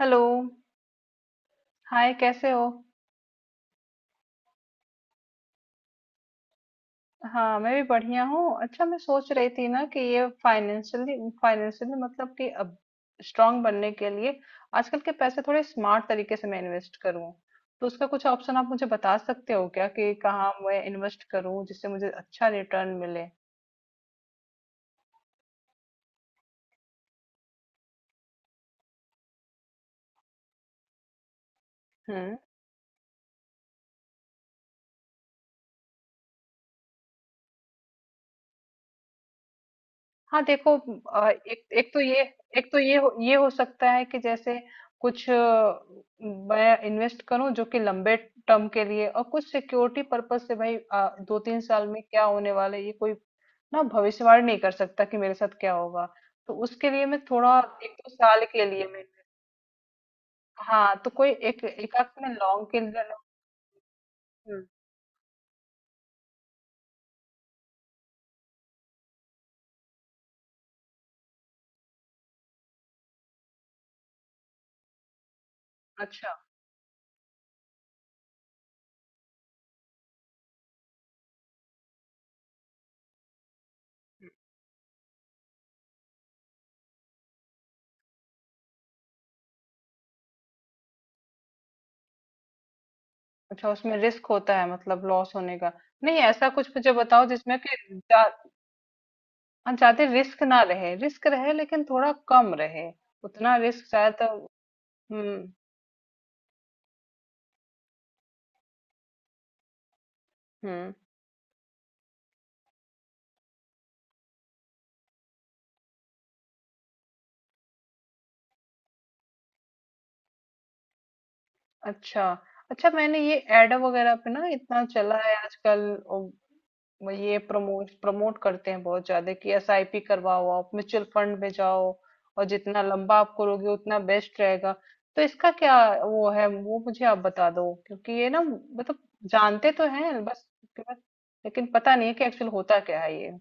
Hello. Hi, कैसे हो? हाँ, मैं भी बढ़िया हूँ। अच्छा, मैं सोच रही थी ना कि ये फाइनेंशियली फाइनेंशियली मतलब कि अब स्ट्रांग बनने के लिए आजकल के पैसे थोड़े स्मार्ट तरीके से मैं इन्वेस्ट करूँ, तो उसका कुछ ऑप्शन आप मुझे बता सकते हो क्या कि कहाँ मैं इन्वेस्ट करूँ जिससे मुझे अच्छा रिटर्न मिले। हम्म। हाँ, देखो, एक एक तो ये हो सकता है कि जैसे कुछ मैं इन्वेस्ट करूं जो कि लंबे टर्म के लिए, और कुछ सिक्योरिटी पर्पस से। भाई, दो तीन साल में क्या होने वाला है, ये कोई ना भविष्यवाणी नहीं कर सकता कि मेरे साथ क्या होगा। तो उसके लिए मैं थोड़ा एक दो साल के लिए मैं, हाँ, तो कोई एक एक आध में लॉन्ग के लिए। हम्म, अच्छा। हम्म, अच्छा, उसमें रिस्क होता है मतलब लॉस होने का? नहीं, ऐसा कुछ मुझे बताओ जिसमें कि हम चाहते रिस्क ना रहे, रिस्क रहे लेकिन थोड़ा कम रहे, उतना रिस्क शायद तो। हम्म। हम्म। अच्छा, अच्छा, मैंने ये एड वगैरह पे ना इतना चला है आजकल। ओ, वो ये प्रमोट प्रमोट करते हैं बहुत ज्यादा कि एसआईपी करवाओ, आप म्यूचुअल फंड में जाओ, और जितना लंबा आप करोगे उतना बेस्ट रहेगा। तो इसका क्या, वो है, वो मुझे आप बता दो, क्योंकि ये ना मतलब, जानते तो हैं बस उसके बाद, लेकिन पता नहीं है कि एक्चुअल होता क्या है ये।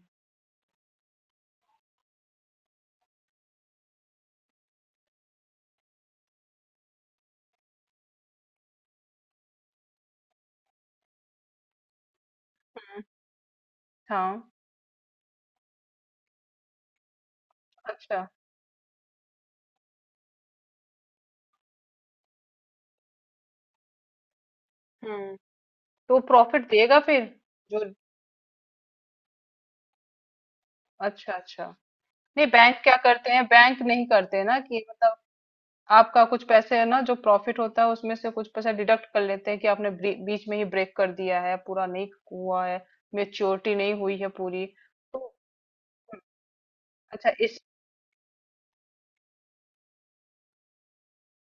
हम्म, हाँ, अच्छा। हम्म। तो प्रॉफिट देगा फिर जो, अच्छा, अच्छा। नहीं, बैंक क्या करते हैं, बैंक नहीं करते ना कि मतलब आपका कुछ पैसे है ना, जो प्रॉफिट होता है उसमें से कुछ पैसा डिडक्ट कर लेते हैं कि आपने बीच में ही ब्रेक कर दिया है, पूरा नहीं हुआ है, मेच्योरिटी नहीं हुई है पूरी। तो अच्छा इस,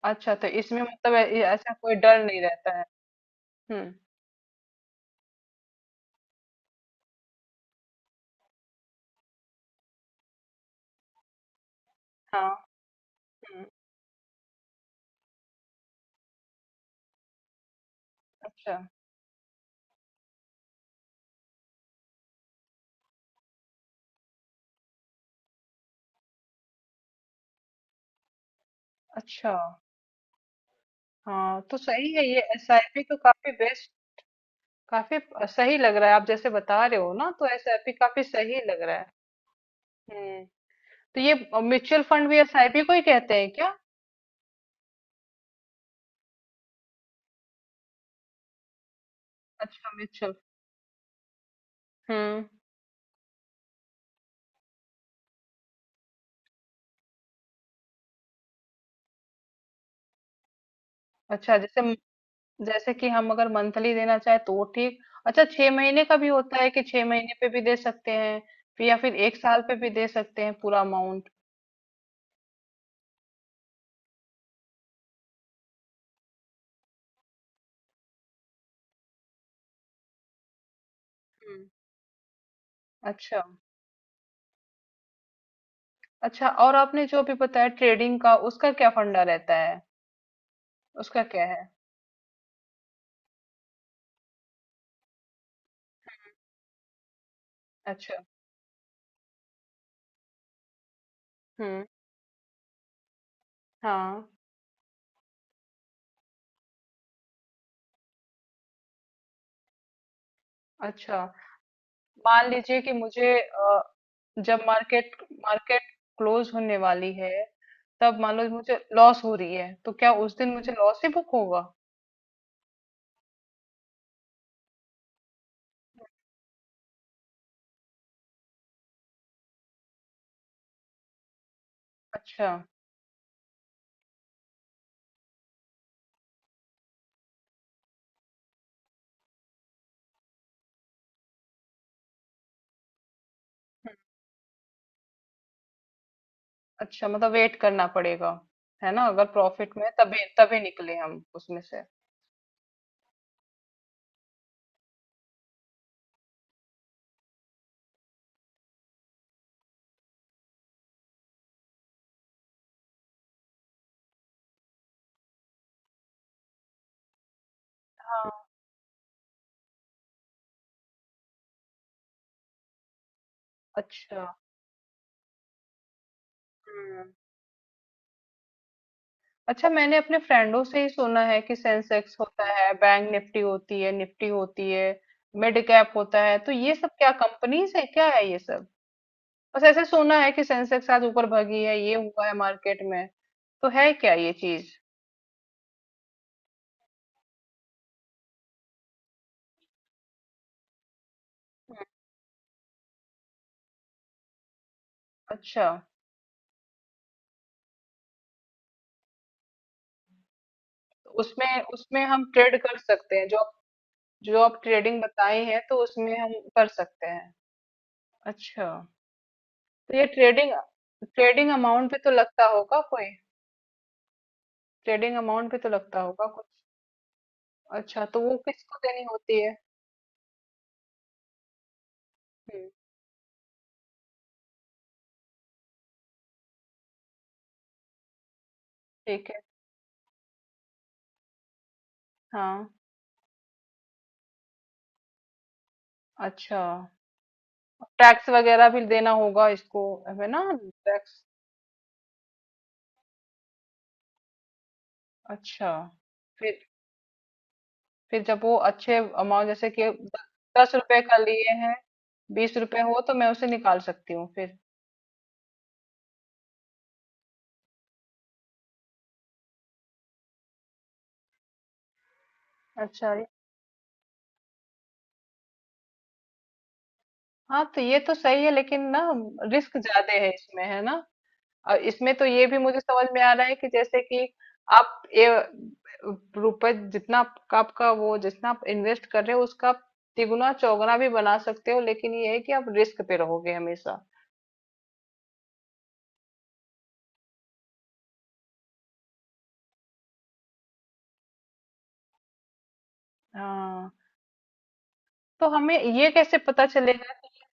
अच्छा तो इसमें मतलब ऐसा कोई डर नहीं रहता है? हम्म। हाँ। हम्म, अच्छा, अच्छा। हाँ, तो सही है, ये एसआईपी तो काफी बेस्ट, काफी सही लग रहा है आप जैसे बता रहे हो ना, तो एसआईपी काफी सही लग रहा है। हम्म। तो ये म्यूचुअल फंड भी एसआईपी को ही कहते हैं क्या? अच्छा, म्यूचुअल, हम्म। अच्छा, जैसे जैसे कि हम अगर मंथली देना चाहे तो वो ठीक, अच्छा छह महीने का भी होता है कि छह महीने पे भी दे सकते हैं, फिर या फिर एक साल पे भी दे सकते हैं पूरा अमाउंट। हम्म। अच्छा, अच्छा, और आपने जो भी बताया ट्रेडिंग का, उसका क्या फंडा रहता है, उसका क्या है? अच्छा। हम्म, हाँ। अच्छा, मान लीजिए कि मुझे जब मार्केट, मार्केट क्लोज होने वाली है, तब मान लो मुझे लॉस हो रही है, तो क्या उस दिन मुझे लॉस ही बुक होगा? अच्छा। अच्छा, मतलब वेट करना पड़ेगा, है ना? अगर प्रॉफिट में तभी तभी निकले हम उसमें से। हाँ। अच्छा। हम्म। अच्छा, मैंने अपने फ्रेंडों से ही सुना है कि सेंसेक्स होता है, बैंक निफ्टी होती है, निफ्टी होती है, मिड कैप होता है, तो ये सब क्या कंपनीज है, क्या है ये सब? बस ऐसे सुना है कि सेंसेक्स आज ऊपर भागी है, ये हुआ है मार्केट में, तो है क्या ये चीज? अच्छा, तो उसमें, उसमें हम ट्रेड कर सकते हैं, जो जो आप ट्रेडिंग बताई है तो उसमें हम कर सकते हैं? अच्छा, तो ये ट्रेडिंग, ट्रेडिंग अमाउंट पे तो लगता होगा कोई, ट्रेडिंग अमाउंट पे तो लगता होगा कुछ? अच्छा, तो वो किसको देनी होती है? हम्म। ठीक है। हाँ। अच्छा, टैक्स वगैरह भी देना होगा इसको, है ना, टैक्स? अच्छा। फिर फिर जब वो अच्छे अमाउंट, जैसे कि दस रुपए का लिए हैं, बीस रुपए हो तो मैं उसे निकाल सकती हूँ फिर? अच्छा। हाँ तो ये तो सही है, लेकिन ना, रिस्क ज्यादा है इसमें, है ना? और इसमें तो ये भी मुझे समझ में आ रहा है कि जैसे कि आप ये रुपए जितना, आपका आपका वो जितना आप इन्वेस्ट कर रहे हो, उसका आप तिगुना चौगुना भी बना सकते हो, लेकिन ये है कि आप रिस्क पे रहोगे हमेशा। हाँ, तो हमें ये कैसे पता चलेगा कि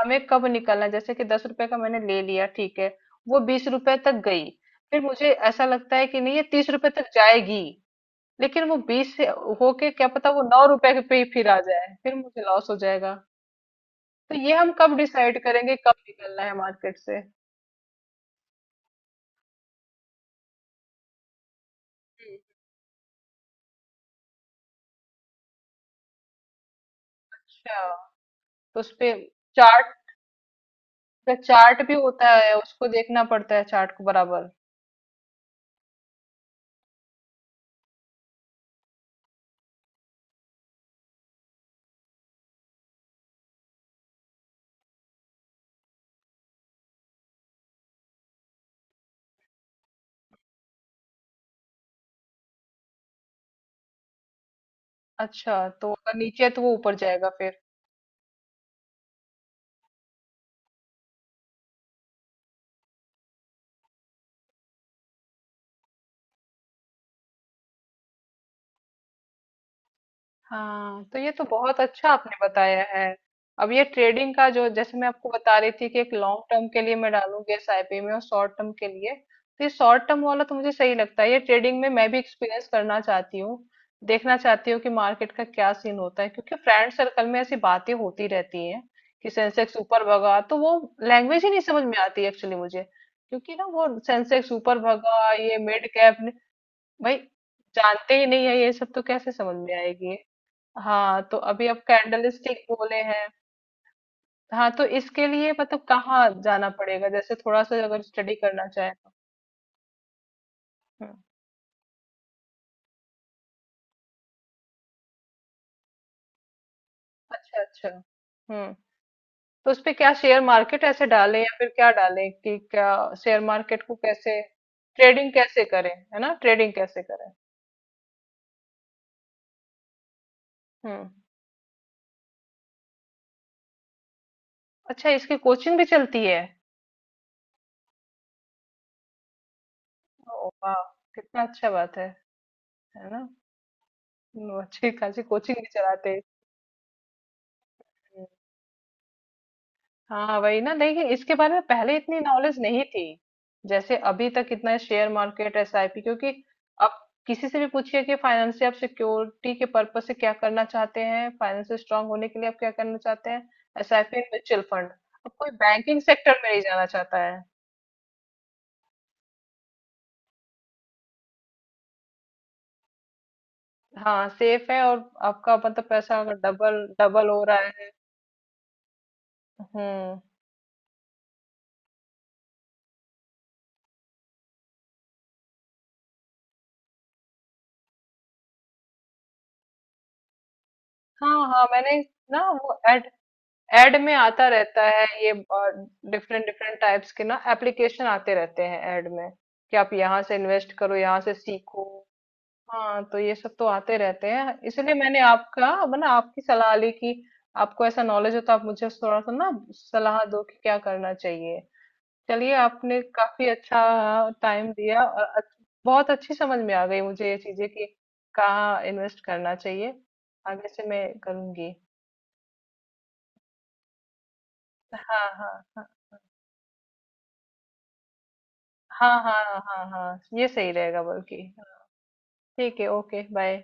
हमें कब निकलना है? जैसे कि दस रुपए का मैंने ले लिया, ठीक है, वो बीस रुपए तक गई, फिर मुझे ऐसा लगता है कि नहीं, ये तीस रुपए तक जाएगी, लेकिन वो बीस से होके क्या पता वो नौ रुपए के पे ही फिर आ जाए, फिर मुझे लॉस हो जाएगा। तो ये हम कब डिसाइड करेंगे कब निकलना है मार्केट से? हम्म। अच्छा, तो उसपे चार्ट, चार्ट भी होता है, उसको देखना पड़ता है चार्ट को बराबर? अच्छा, तो अगर नीचे है तो वो ऊपर जाएगा फिर? हाँ, तो ये तो बहुत अच्छा आपने बताया है। अब ये ट्रेडिंग का जो, जैसे मैं आपको बता रही थी कि एक लॉन्ग टर्म के लिए मैं डालूंगी एसआईपी में, और शॉर्ट टर्म के लिए, तो ये शॉर्ट टर्म वाला तो मुझे सही लगता है, ये ट्रेडिंग में मैं भी एक्सपीरियंस करना चाहती हूँ, देखना चाहती हूँ कि मार्केट का क्या सीन होता है, क्योंकि फ्रेंड सर्कल में ऐसी बातें होती रहती हैं कि सेंसेक्स ऊपर भगा, तो वो लैंग्वेज ही नहीं समझ में आती एक्चुअली मुझे, क्योंकि ना वो सेंसेक्स ऊपर भगा, ये मिड कैप, भाई, जानते ही नहीं है ये सब, तो कैसे समझ में आएगी? हाँ, तो अभी आप कैंडल स्टिक बोले हैं, हाँ, तो इसके लिए मतलब कहाँ जाना पड़ेगा जैसे थोड़ा सा अगर स्टडी करना चाहे तो? हम्म, अच्छा, अच्छा। हम्म, तो उसपे क्या शेयर मार्केट ऐसे डाले या फिर क्या डाले कि क्या, शेयर मार्केट को कैसे, ट्रेडिंग कैसे करें, है ना, ट्रेडिंग कैसे करें? हम्म। अच्छा, इसकी कोचिंग भी चलती है? ओ वाह, कितना अच्छा बात है ना! अच्छी खासी कोचिंग भी चलाते हैं। हाँ वही ना, लेकिन इसके बारे में पहले इतनी नॉलेज नहीं थी, जैसे अभी तक इतना शेयर मार्केट एसआईपी, क्योंकि अब किसी से भी पूछिए कि फाइनेंस से आप सिक्योरिटी के पर्पज से क्या करना चाहते हैं, फाइनेंस स्ट्रांग होने के लिए आप क्या करना चाहते हैं, एसआईपी, म्यूचुअल फंड, अब कोई बैंकिंग सेक्टर में नहीं जाना चाहता है। हाँ, सेफ है, और आपका मतलब पैसा अगर डबल डबल हो रहा है। हम्म। हाँ, हाँ, मैंने, ना वो ऐड में आता रहता है ये, डिफरेंट डिफरेंट टाइप्स के ना एप्लीकेशन आते रहते हैं ऐड में, कि आप यहाँ से इन्वेस्ट करो, यहाँ से सीखो। हाँ, तो ये सब तो आते रहते हैं, इसलिए मैंने आपकी सलाह ली कि आपको ऐसा नॉलेज हो तो आप मुझे थोड़ा सा ना सलाह दो कि क्या करना चाहिए। चलिए, आपने काफी अच्छा टाइम दिया, और बहुत अच्छी समझ में आ गई मुझे ये चीजें कि कहाँ इन्वेस्ट करना चाहिए, आगे से मैं करूंगी। हाँ, हाँ, हाँ, हाँ, हाँ, हाँ, हाँ, हाँ, ये सही रहेगा बल्कि। ठीक है, ओके, बाय।